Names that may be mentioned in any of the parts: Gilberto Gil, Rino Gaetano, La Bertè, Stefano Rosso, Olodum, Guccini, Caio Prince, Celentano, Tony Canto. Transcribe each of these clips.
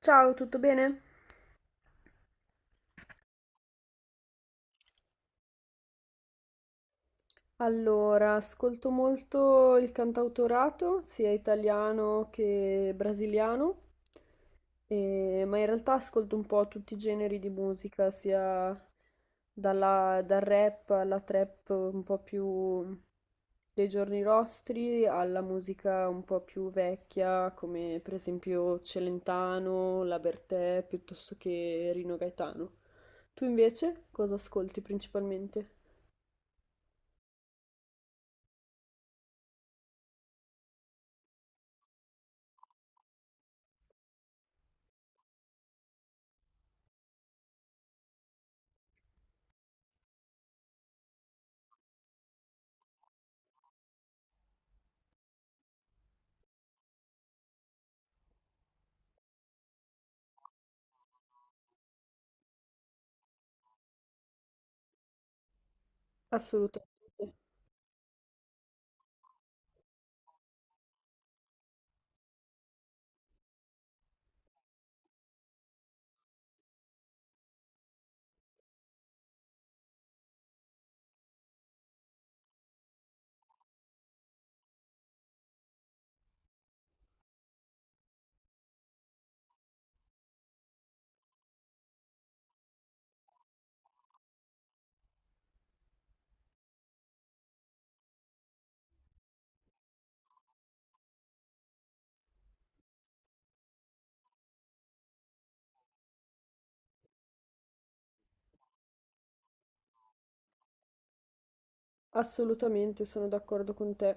Ciao, tutto bene? Allora, ascolto molto il cantautorato, sia italiano che brasiliano, ma in realtà ascolto un po' tutti i generi di musica, sia dal rap alla trap un po' più dei giorni nostri, alla musica un po' più vecchia, come per esempio Celentano, La Bertè, piuttosto che Rino Gaetano. Tu invece cosa ascolti principalmente? Assolutamente, assolutamente sono d'accordo con te.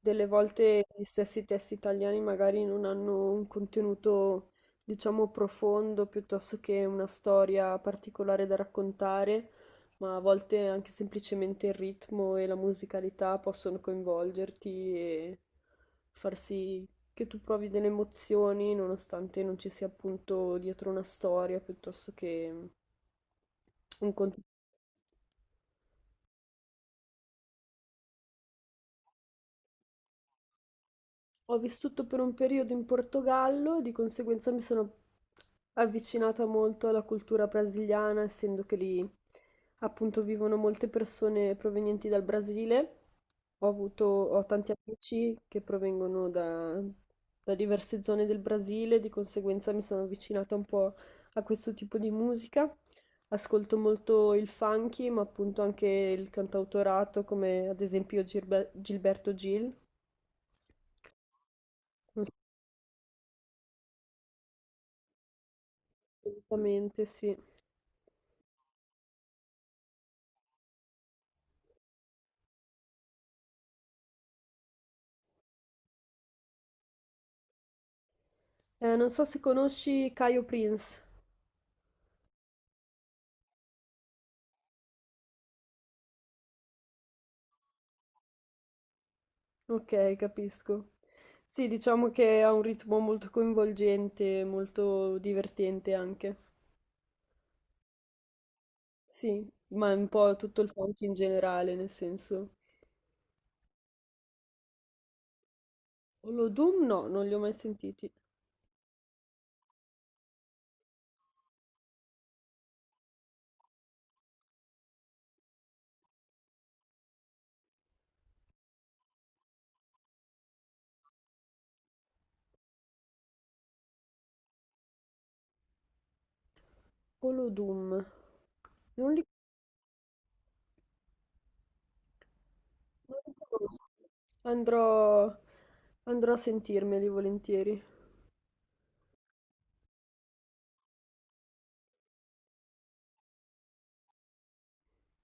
Delle volte gli stessi testi italiani magari non hanno un contenuto, diciamo, profondo piuttosto che una storia particolare da raccontare, ma a volte anche semplicemente il ritmo e la musicalità possono coinvolgerti e far sì che tu provi delle emozioni nonostante non ci sia appunto dietro una storia piuttosto che un contenuto. Ho vissuto per un periodo in Portogallo, di conseguenza mi sono avvicinata molto alla cultura brasiliana, essendo che lì appunto vivono molte persone provenienti dal Brasile. Ho avuto, ho tanti amici che provengono da, da diverse zone del Brasile, di conseguenza mi sono avvicinata un po' a questo tipo di musica. Ascolto molto il funky, ma appunto anche il cantautorato, come ad esempio Gilberto Gil. Assolutamente, sì. Non so se conosci Caio Prince. Ok, capisco. Sì, diciamo che ha un ritmo molto coinvolgente, molto divertente anche. Sì, ma un po' tutto il funk in generale, nel senso. Olodum no, non li ho mai sentiti. Olodum, non li, non li conosco. Andrò, andrò a sentirmeli volentieri.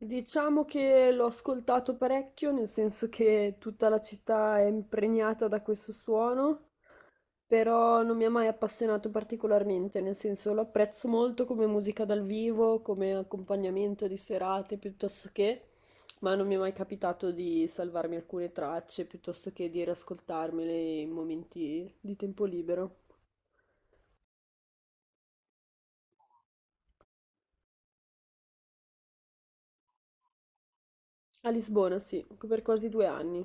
Diciamo che l'ho ascoltato parecchio, nel senso che tutta la città è impregnata da questo suono però non mi ha mai appassionato particolarmente, nel senso lo apprezzo molto come musica dal vivo, come accompagnamento di serate piuttosto che, ma non mi è mai capitato di salvarmi alcune tracce piuttosto che di riascoltarmele in momenti di tempo libero. A Lisbona, sì, per quasi 2 anni.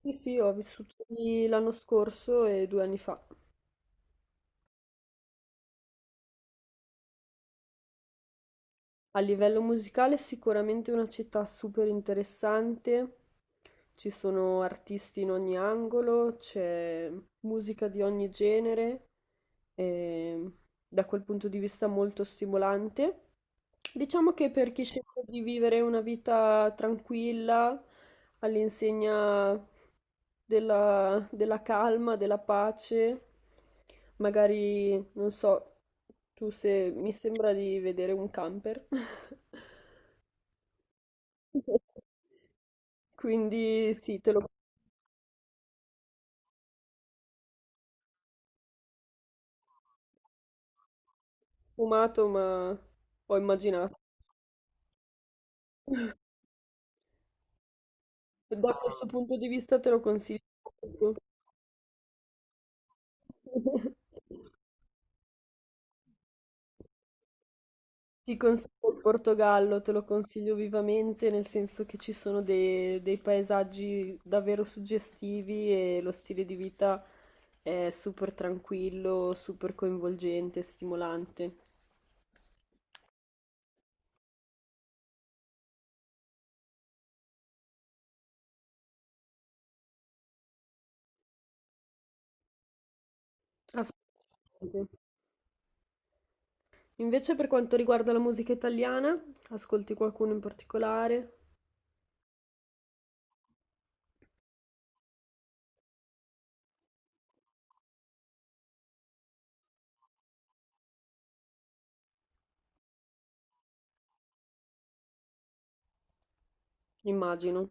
Sì, sì, ho vissuto lì l'anno scorso e 2 anni fa. A livello musicale è sicuramente una città super interessante, ci sono artisti in ogni angolo, c'è musica di ogni genere, e da quel punto di vista molto stimolante. Diciamo che per chi sceglie di vivere una vita tranquilla, all'insegna della calma, della pace, magari, non so, tu se mi sembra di vedere un camper. Quindi sì, te l'ho fumato, ma ho immaginato. Da questo punto di vista te lo consiglio. Molto. Ti consiglio il Portogallo, te lo consiglio vivamente, nel senso che ci sono dei paesaggi davvero suggestivi e lo stile di vita è super tranquillo, super coinvolgente, stimolante. Assolutamente. Invece per quanto riguarda la musica italiana, ascolti qualcuno in particolare? Immagino.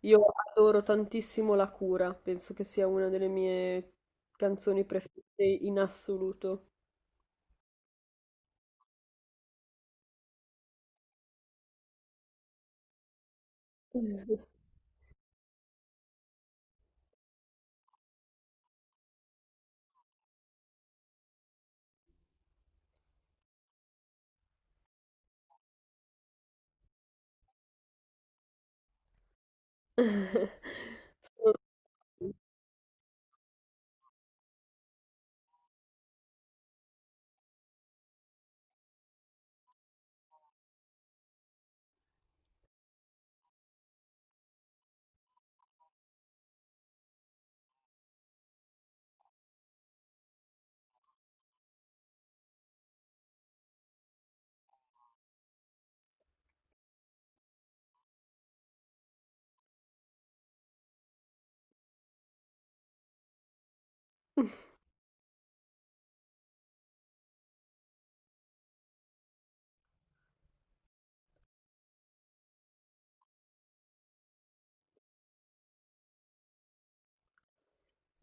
Io adoro tantissimo La cura, penso che sia una delle mie canzoni preferite in assoluto. Sono-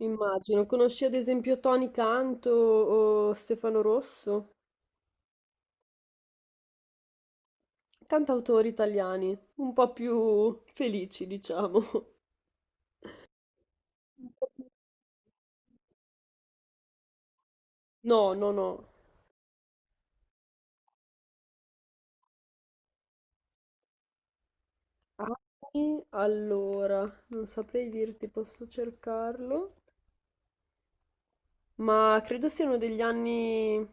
Immagino. Conosci ad esempio Tony Canto o Stefano Rosso? Cantautori italiani, un po' più felici, diciamo. Un po' più- No, no, no. Anni, allora, non saprei dirti, posso cercarlo, ma credo siano degli anni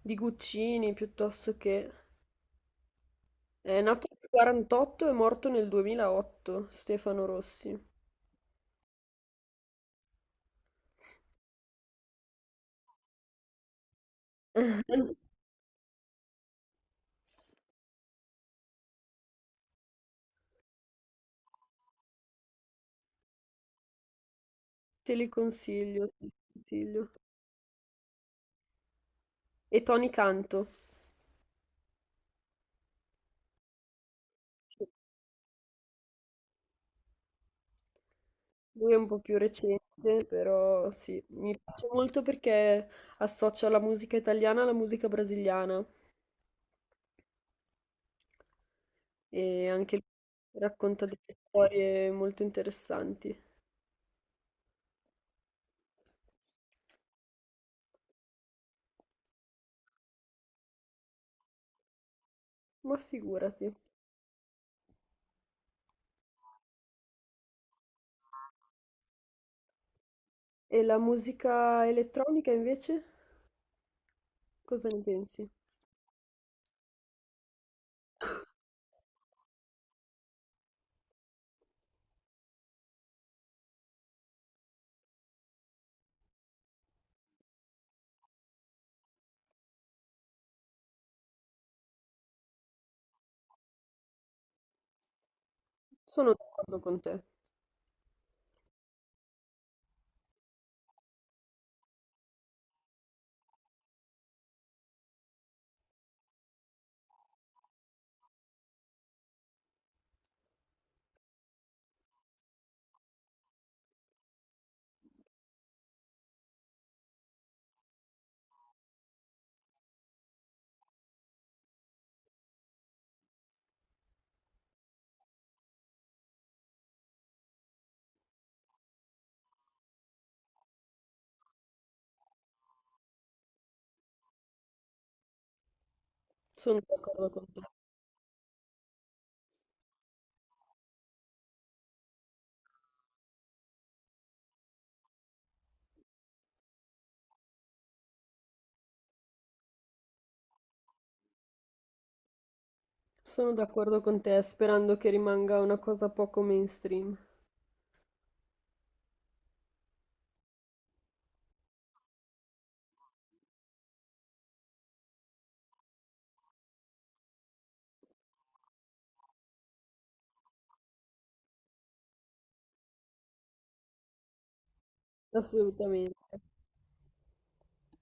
di Guccini piuttosto che... È nato nel 48 e morto nel 2008, Stefano Rossi. Te li consiglio, te li consiglio. E Tony Canto. Sì, lui è un po' più recente, però sì, mi piace molto perché associa la musica italiana alla musica brasiliana e anche lui racconta delle storie molto interessanti. Ma figurati. E la musica elettronica invece? Cosa ne pensi? Sono d'accordo con te. Sono d'accordo con te. Sono d'accordo con te, sperando che rimanga una cosa poco mainstream. Assolutamente.